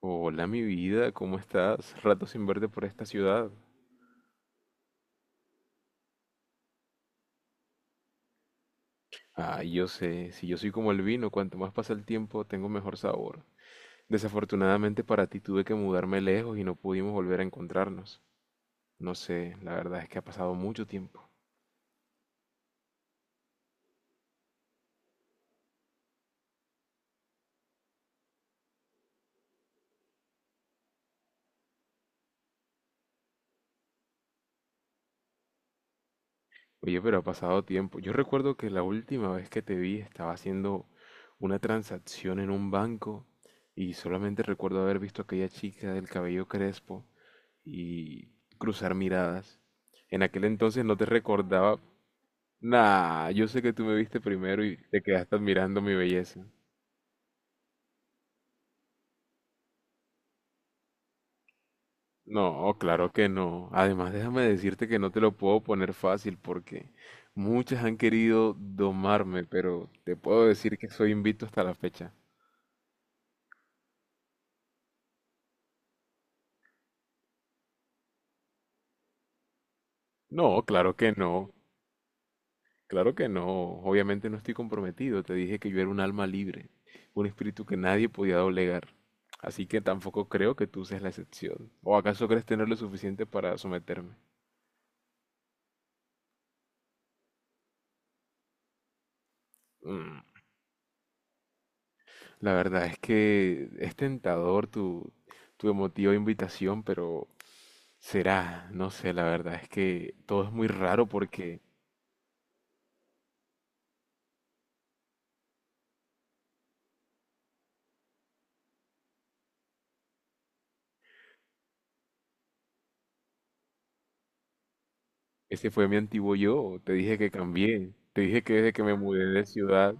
Hola, mi vida, ¿cómo estás? Rato sin verte por esta ciudad. Ah, yo sé, si yo soy como el vino, cuanto más pasa el tiempo, tengo mejor sabor. Desafortunadamente para ti tuve que mudarme lejos y no pudimos volver a encontrarnos. No sé, la verdad es que ha pasado mucho tiempo. Oye, pero ha pasado tiempo. Yo recuerdo que la última vez que te vi estaba haciendo una transacción en un banco y solamente recuerdo haber visto a aquella chica del cabello crespo y cruzar miradas. En aquel entonces no te recordaba. Nah, yo sé que tú me viste primero y te quedaste admirando mi belleza. No, claro que no. Además, déjame decirte que no te lo puedo poner fácil porque muchas han querido domarme, pero te puedo decir que soy invicto hasta la fecha. No, claro que no, claro que no. Obviamente no estoy comprometido. Te dije que yo era un alma libre, un espíritu que nadie podía doblegar. Así que tampoco creo que tú seas la excepción. ¿O acaso crees tener lo suficiente para someterme? Mm, La verdad es que es tentador tu emotiva invitación, pero será, no sé, la verdad es que todo es muy raro porque ese fue mi antiguo yo. Te dije que cambié, te dije que desde que me mudé de ciudad.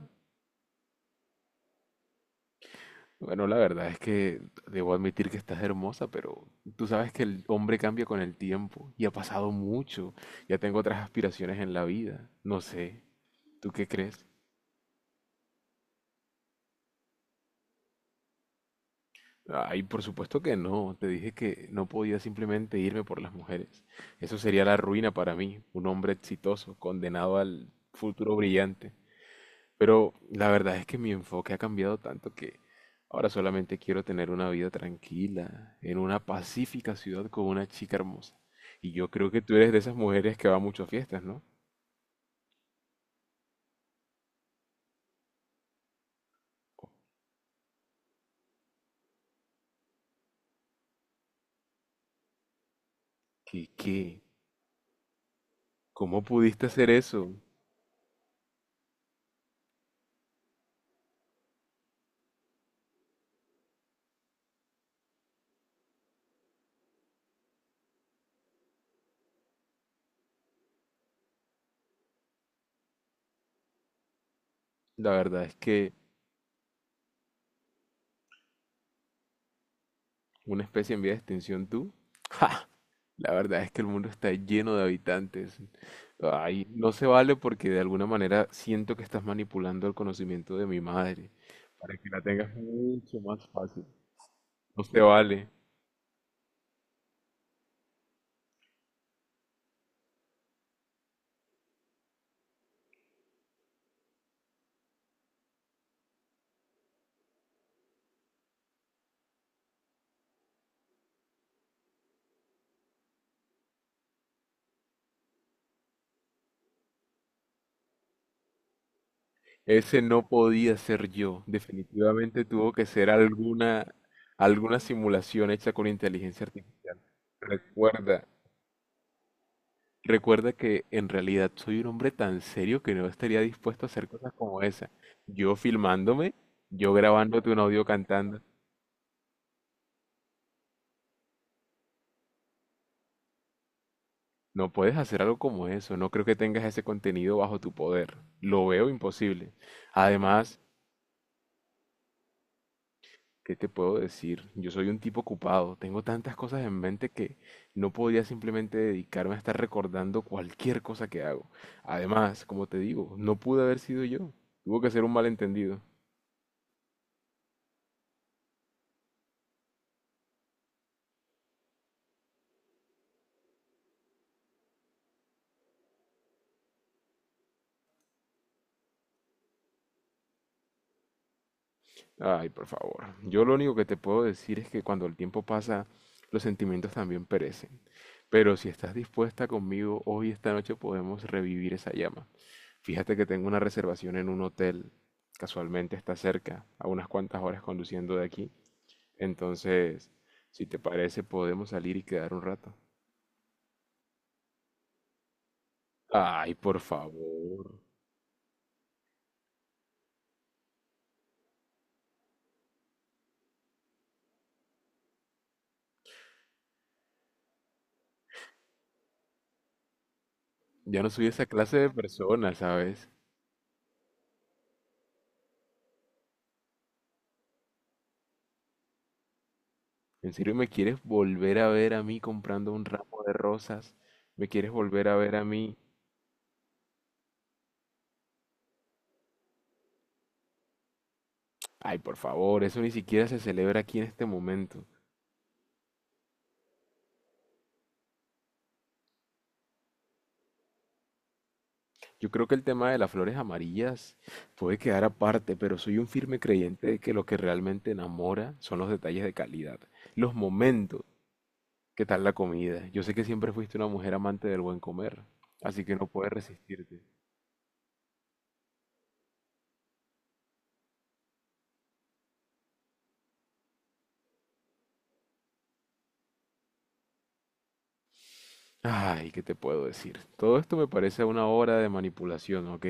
Bueno, la verdad es que debo admitir que estás hermosa, pero tú sabes que el hombre cambia con el tiempo y ha pasado mucho. Ya tengo otras aspiraciones en la vida. No sé, ¿tú qué crees? Ay, por supuesto que no. Te dije que no podía simplemente irme por las mujeres. Eso sería la ruina para mí, un hombre exitoso, condenado al futuro brillante. Pero la verdad es que mi enfoque ha cambiado tanto que ahora solamente quiero tener una vida tranquila, en una pacífica ciudad con una chica hermosa. Y yo creo que tú eres de esas mujeres que va mucho a fiestas, ¿no? Qué? ¿Cómo pudiste hacer eso? La verdad es que una especie en vía de extinción tú. ¡Ja! La verdad es que el mundo está lleno de habitantes. Ay, no se vale porque de alguna manera siento que estás manipulando el conocimiento de mi madre para que la tengas mucho más fácil. No se vale. Ese no podía ser yo. Definitivamente tuvo que ser alguna simulación hecha con inteligencia artificial. Recuerda, recuerda que en realidad soy un hombre tan serio que no estaría dispuesto a hacer cosas como esa. Yo filmándome, yo grabándote un audio cantando. No puedes hacer algo como eso. No creo que tengas ese contenido bajo tu poder. Lo veo imposible. Además, ¿qué te puedo decir? Yo soy un tipo ocupado, tengo tantas cosas en mente que no podía simplemente dedicarme a estar recordando cualquier cosa que hago. Además, como te digo, no pude haber sido yo. Tuvo que ser un malentendido. Ay, por favor. Yo lo único que te puedo decir es que cuando el tiempo pasa, los sentimientos también perecen. Pero si estás dispuesta conmigo, hoy esta noche podemos revivir esa llama. Fíjate que tengo una reservación en un hotel. Casualmente está cerca, a unas cuantas horas conduciendo de aquí. Entonces, si te parece, podemos salir y quedar un rato. Ay, por favor. Ya no soy esa clase de persona, ¿sabes? ¿En serio me quieres volver a ver a mí comprando un ramo de rosas? ¿Me quieres volver a ver a mí? Ay, por favor, eso ni siquiera se celebra aquí en este momento. Yo creo que el tema de las flores amarillas puede quedar aparte, pero soy un firme creyente de que lo que realmente enamora son los detalles de calidad, los momentos. ¿Qué tal la comida? Yo sé que siempre fuiste una mujer amante del buen comer, así que no puedes resistirte. Ay, ¿qué te puedo decir? Todo esto me parece una obra de manipulación, ¿ok?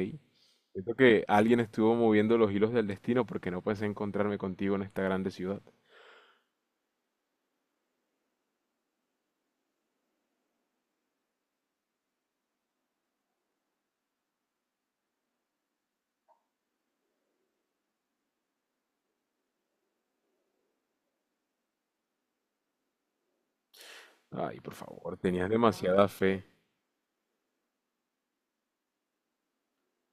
Siento que alguien estuvo moviendo los hilos del destino porque no pensé encontrarme contigo en esta grande ciudad. Ay, por favor, tenías demasiada fe.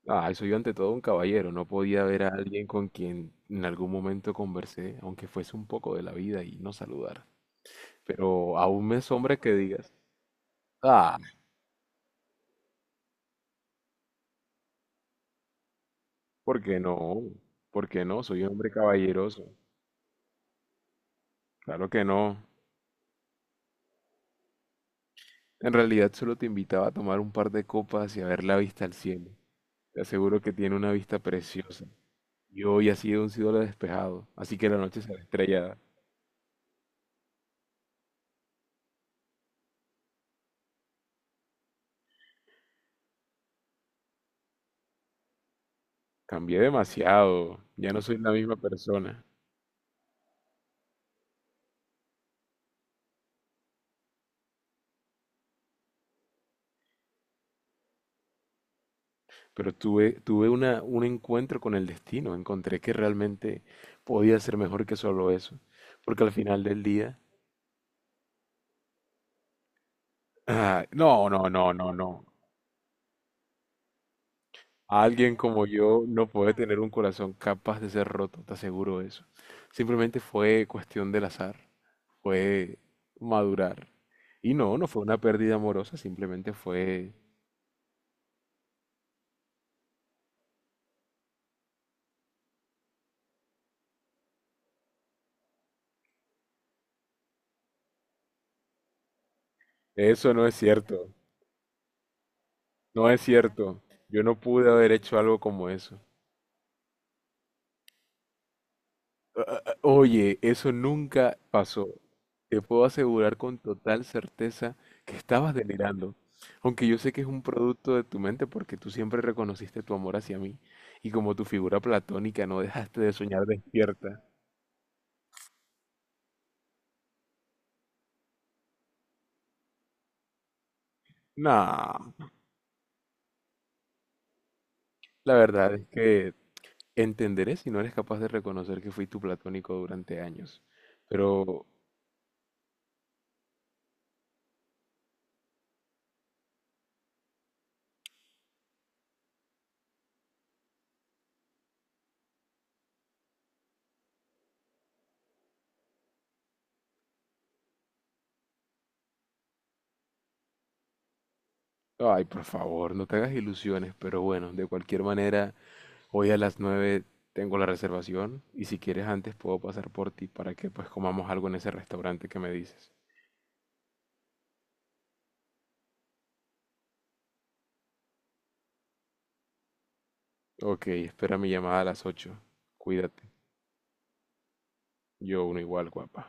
Ay, soy ante todo un caballero, no podía ver a alguien con quien en algún momento conversé, aunque fuese un poco de la vida y no saludar. Pero aún me asombra que digas, "Ah, ¿por qué no? ¿Por qué no? Soy un hombre caballeroso. Claro que no. En realidad solo te invitaba a tomar un par de copas y a ver la vista al cielo. Te aseguro que tiene una vista preciosa. Y hoy ha sido un cielo despejado, así que la noche será estrellada. Cambié demasiado, ya no soy la misma persona. Pero un encuentro con el destino. Encontré que realmente podía ser mejor que solo eso. Porque al final del día... Ah, no. Alguien como yo no puede tener un corazón capaz de ser roto, te aseguro eso. Simplemente fue cuestión del azar, fue madurar. Y no, no fue una pérdida amorosa, simplemente fue... Eso no es cierto, no es cierto. Yo no pude haber hecho algo como eso. Oye, eso nunca pasó. Te puedo asegurar con total certeza que estabas delirando. Aunque yo sé que es un producto de tu mente porque tú siempre reconociste tu amor hacia mí. Y como tu figura platónica no dejaste de soñar despierta. No, la verdad es que entenderé si no eres capaz de reconocer que fui tu platónico durante años. Pero, ay, por favor, no te hagas ilusiones. Pero bueno, de cualquier manera... Hoy a las 9 tengo la reservación y si quieres antes puedo pasar por ti para que pues comamos algo en ese restaurante que me dices. Ok, espera mi llamada a las 8. Cuídate. Yo uno igual, guapa.